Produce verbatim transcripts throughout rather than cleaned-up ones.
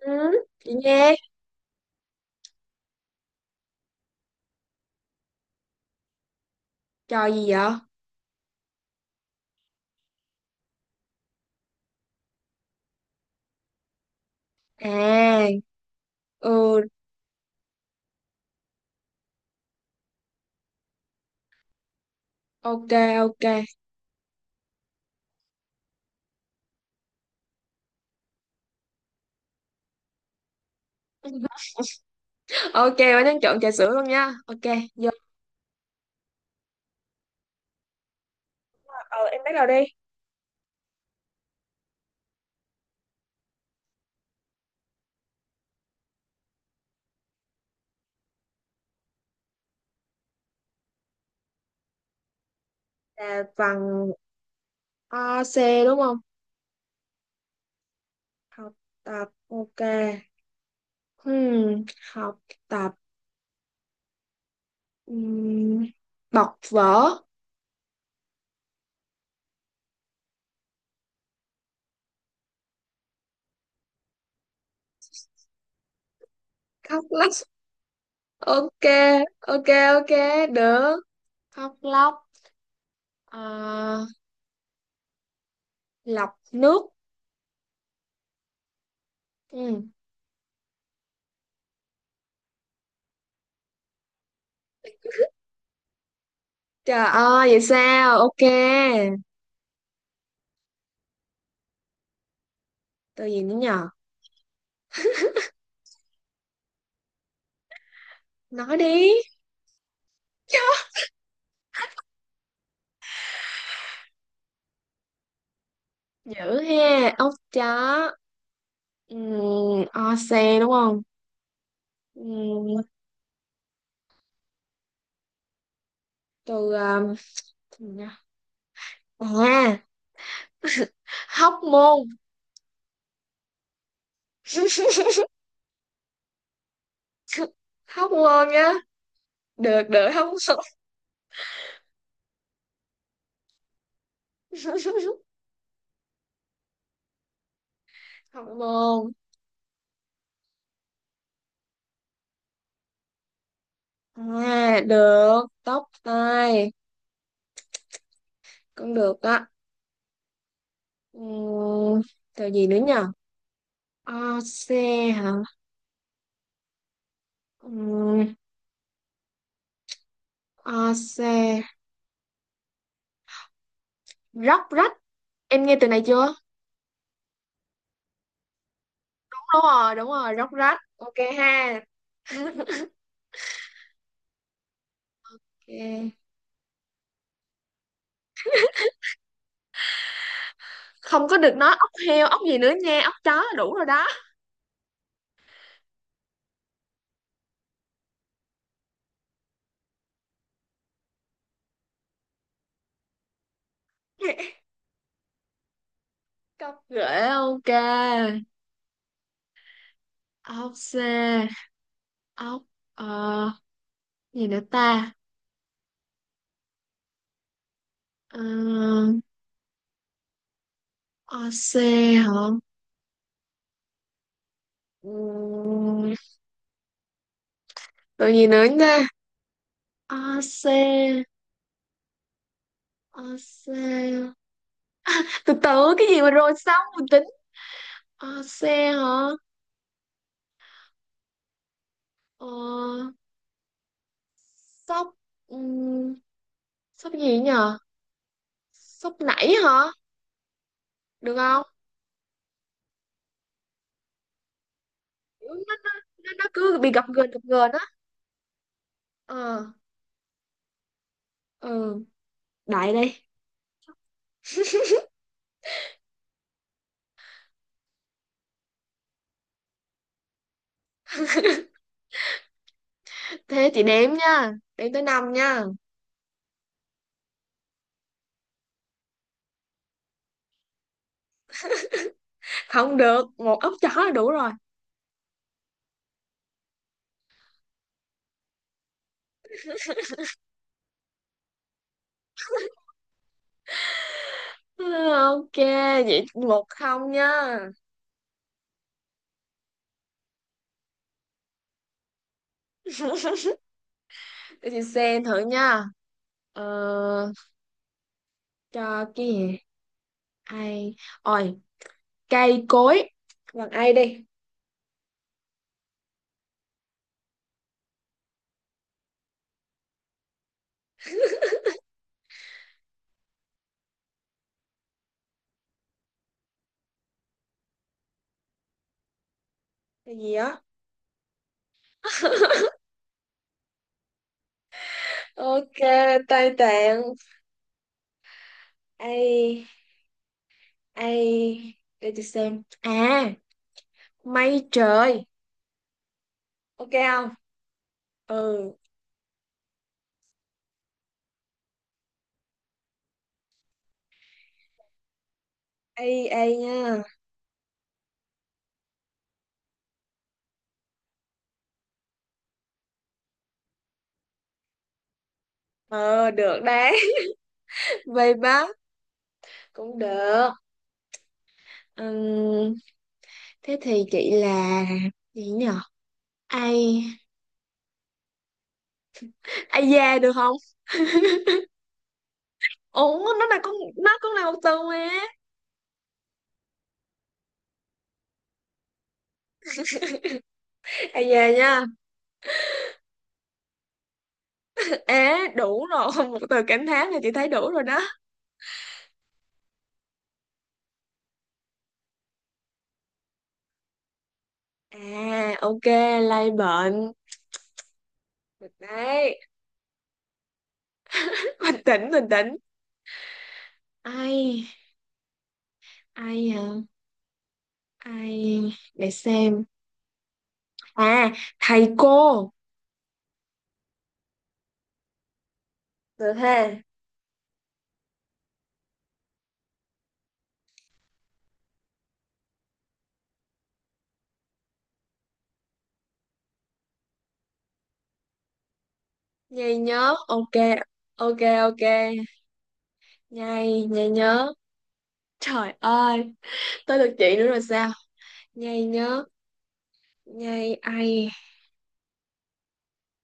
Ừ, chị nghe. Trò gì vậy? À, ừ, ok, ok. Ok, bạn đang chọn trà sữa luôn nha. Ok, giờ ờ, em bắt đầu đi. Là bằng a xê đúng không? Học tập, ok. Hmm, học tập. Ừm, bọc vở. Khóc lóc. Ok, ok, ok, được. Khóc lóc. Ờ, lọc nước. Ừ. Trời ơi, vậy sao? Ok. Từ gì nữa nhờ? Nói đi. Chó. Dữ ha, ốc chó. Um, o xe đúng không? Ừm, từ um, từ nha. À, hóc môn. Hóc môn nhá. Được được hóc môn. Hóc môn. À, được. Tóc tai cũng được á. Ừm, từ gì nữa nhờ? O xe hả? Ừm, o xe. Róc rách, em nghe từ này chưa? Đúng rồi, đúng rồi, róc rách, ok ha. Ok. Không có được nói ốc heo, ốc gì nữa nha, ốc chó là đủ rồi đó. Cọc rễ, ok. Ốc xe. Ốc, ờ gì nữa ta? ờ Ốc xe hả? Ừm, rồi gì nữa nha. Ốc xe. Ốc xe từ từ, cái gì mà rồi xong mình tính. Ốc xe hả? ờ Sóc, sốc gì nhờ? Sốc nảy hả? Được không? Nó, nó, nó nó cứ bị gập ghềnh, gập ghềnh á. Ờ, ừ, đại đi. Thế chị đếm nha. Đếm tới năm nha. Không được, một ốc chó là đủ rồi. Ừ, ok, vậy một không nha. Để chị xem thử nha. Ờ, cho cái gì? Ai? Ôi, cây cối. Bằng ai đi? Cái gì á? Ok, tay tạng. Ai? Ai để tôi xem. À, mây trời. Ok không? Ừ, ai ai nha. Ờ, được đấy. Về bác cũng được. Ừm, thế thì chị là gì nhở? Ai, ai da được không? Ủa, nó là con, nó cũng là một từ mà. Ai da nha. Ế, đủ rồi. Một từ cảm thán là chị thấy đủ rồi đó. À, ok, lây bệnh. Được đấy. Bình tĩnh, bình tĩnh. Ai, ai hả? Ai để xem. À, thầy cô được ha. Nhây nhớ, ok. Ok, ok, nhây nhây nhớ. Trời ơi, tới lượt chị nữa rồi sao? Nhây nhớ, nhây. Ai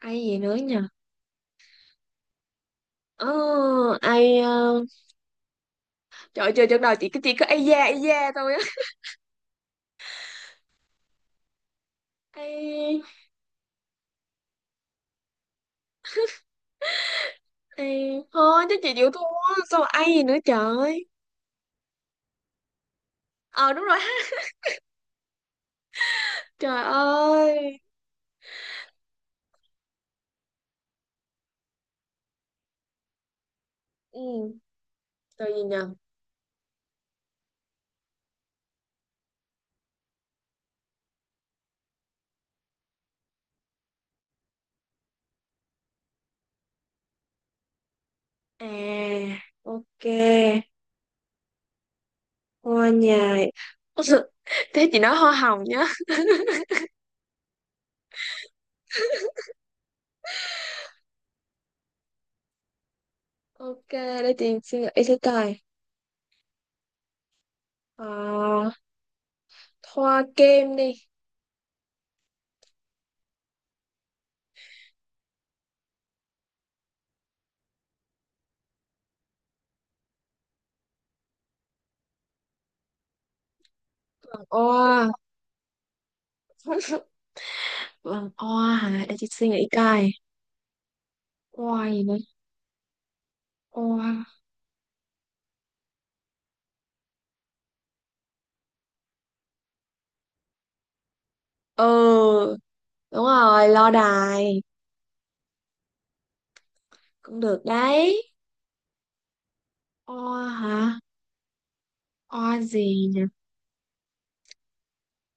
ai gì nữa nhờ? ờ ai ờ, trời ơi, chơi trước đầu chị cứ, chị cứ ai da ai da thôi á. Ai ai thôi, chứ chị chịu thua. Sao mà ai gì nữa trời. Ờ, đúng rồi ha. Trời ơi. Ừ, rồi gì nhờ? À, ok. Hoa nhài. Thế chị nói hoa hồng nhá. Ok, để chị suy nghĩ sẽ coi. Ờ, hoa kem đi. Hoa. Vâng, hoa hả? Để chị suy nghĩ coi. Hoa gì nữa? Hoa. Ừ, đúng rồi, lo đài cũng được đấy. Hoa hả? Hoa gì nhỉ?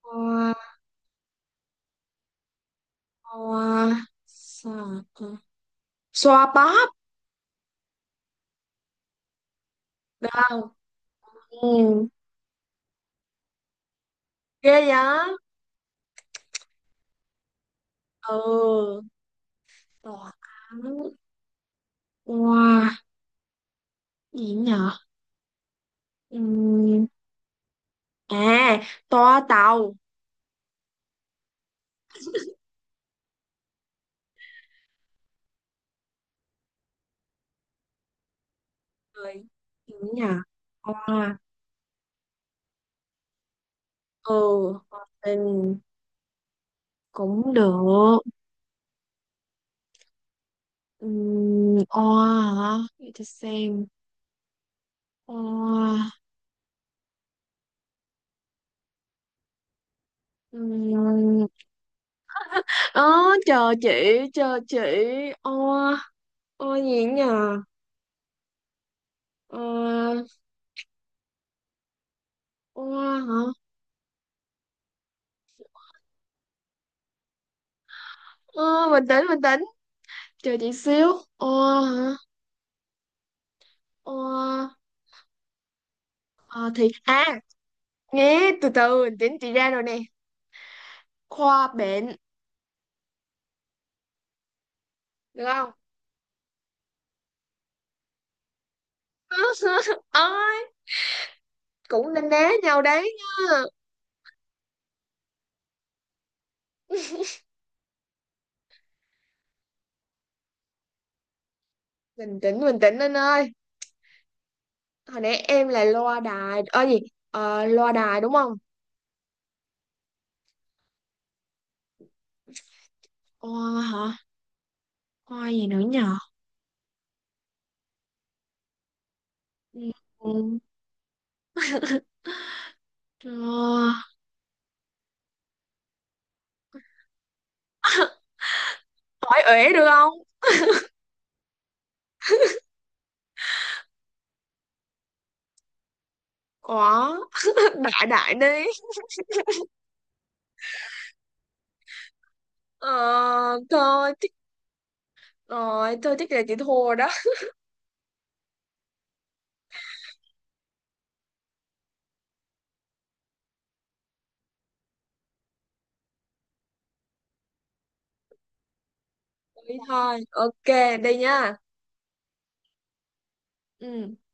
Hoa. Hoa sao? Xoa bóp được không? Ừ, ghê vậy. Ừ, tòa án. Wow, gì nhở? Ừm, à, toa tàu. Rồi, gì nhở? Oa. Ừ, hòa bình cũng được. Ừm, oa hả? Để tôi xem. Oa. Ừm, ớ, chờ chị, chờ chị. Oa. Oa gì nhờ? Oa. Oa hả? Ơ, bình tĩnh, bình tĩnh. Chờ chị xíu. Oa hả? Oa. Ờ, thì à, nghe từ từ, bình tĩnh, chị ra rồi nè. Khoa bệnh được không? Ôi, cũng nên đá nhau đấy nha. Bình tĩnh, bình tĩnh anh ơi. Hồi nãy em là loa đài, ờ gì ờ, loa đài đúng không? Khoa hả? Khoa gì nữa nhờ? Ừ, ờ, hỏi uể được không? Có. Đại đại đi. ờ, Thôi thích. Rồi, thôi thích là chị thua rồi đó. Đi thôi, ok, đi nha. Ừ.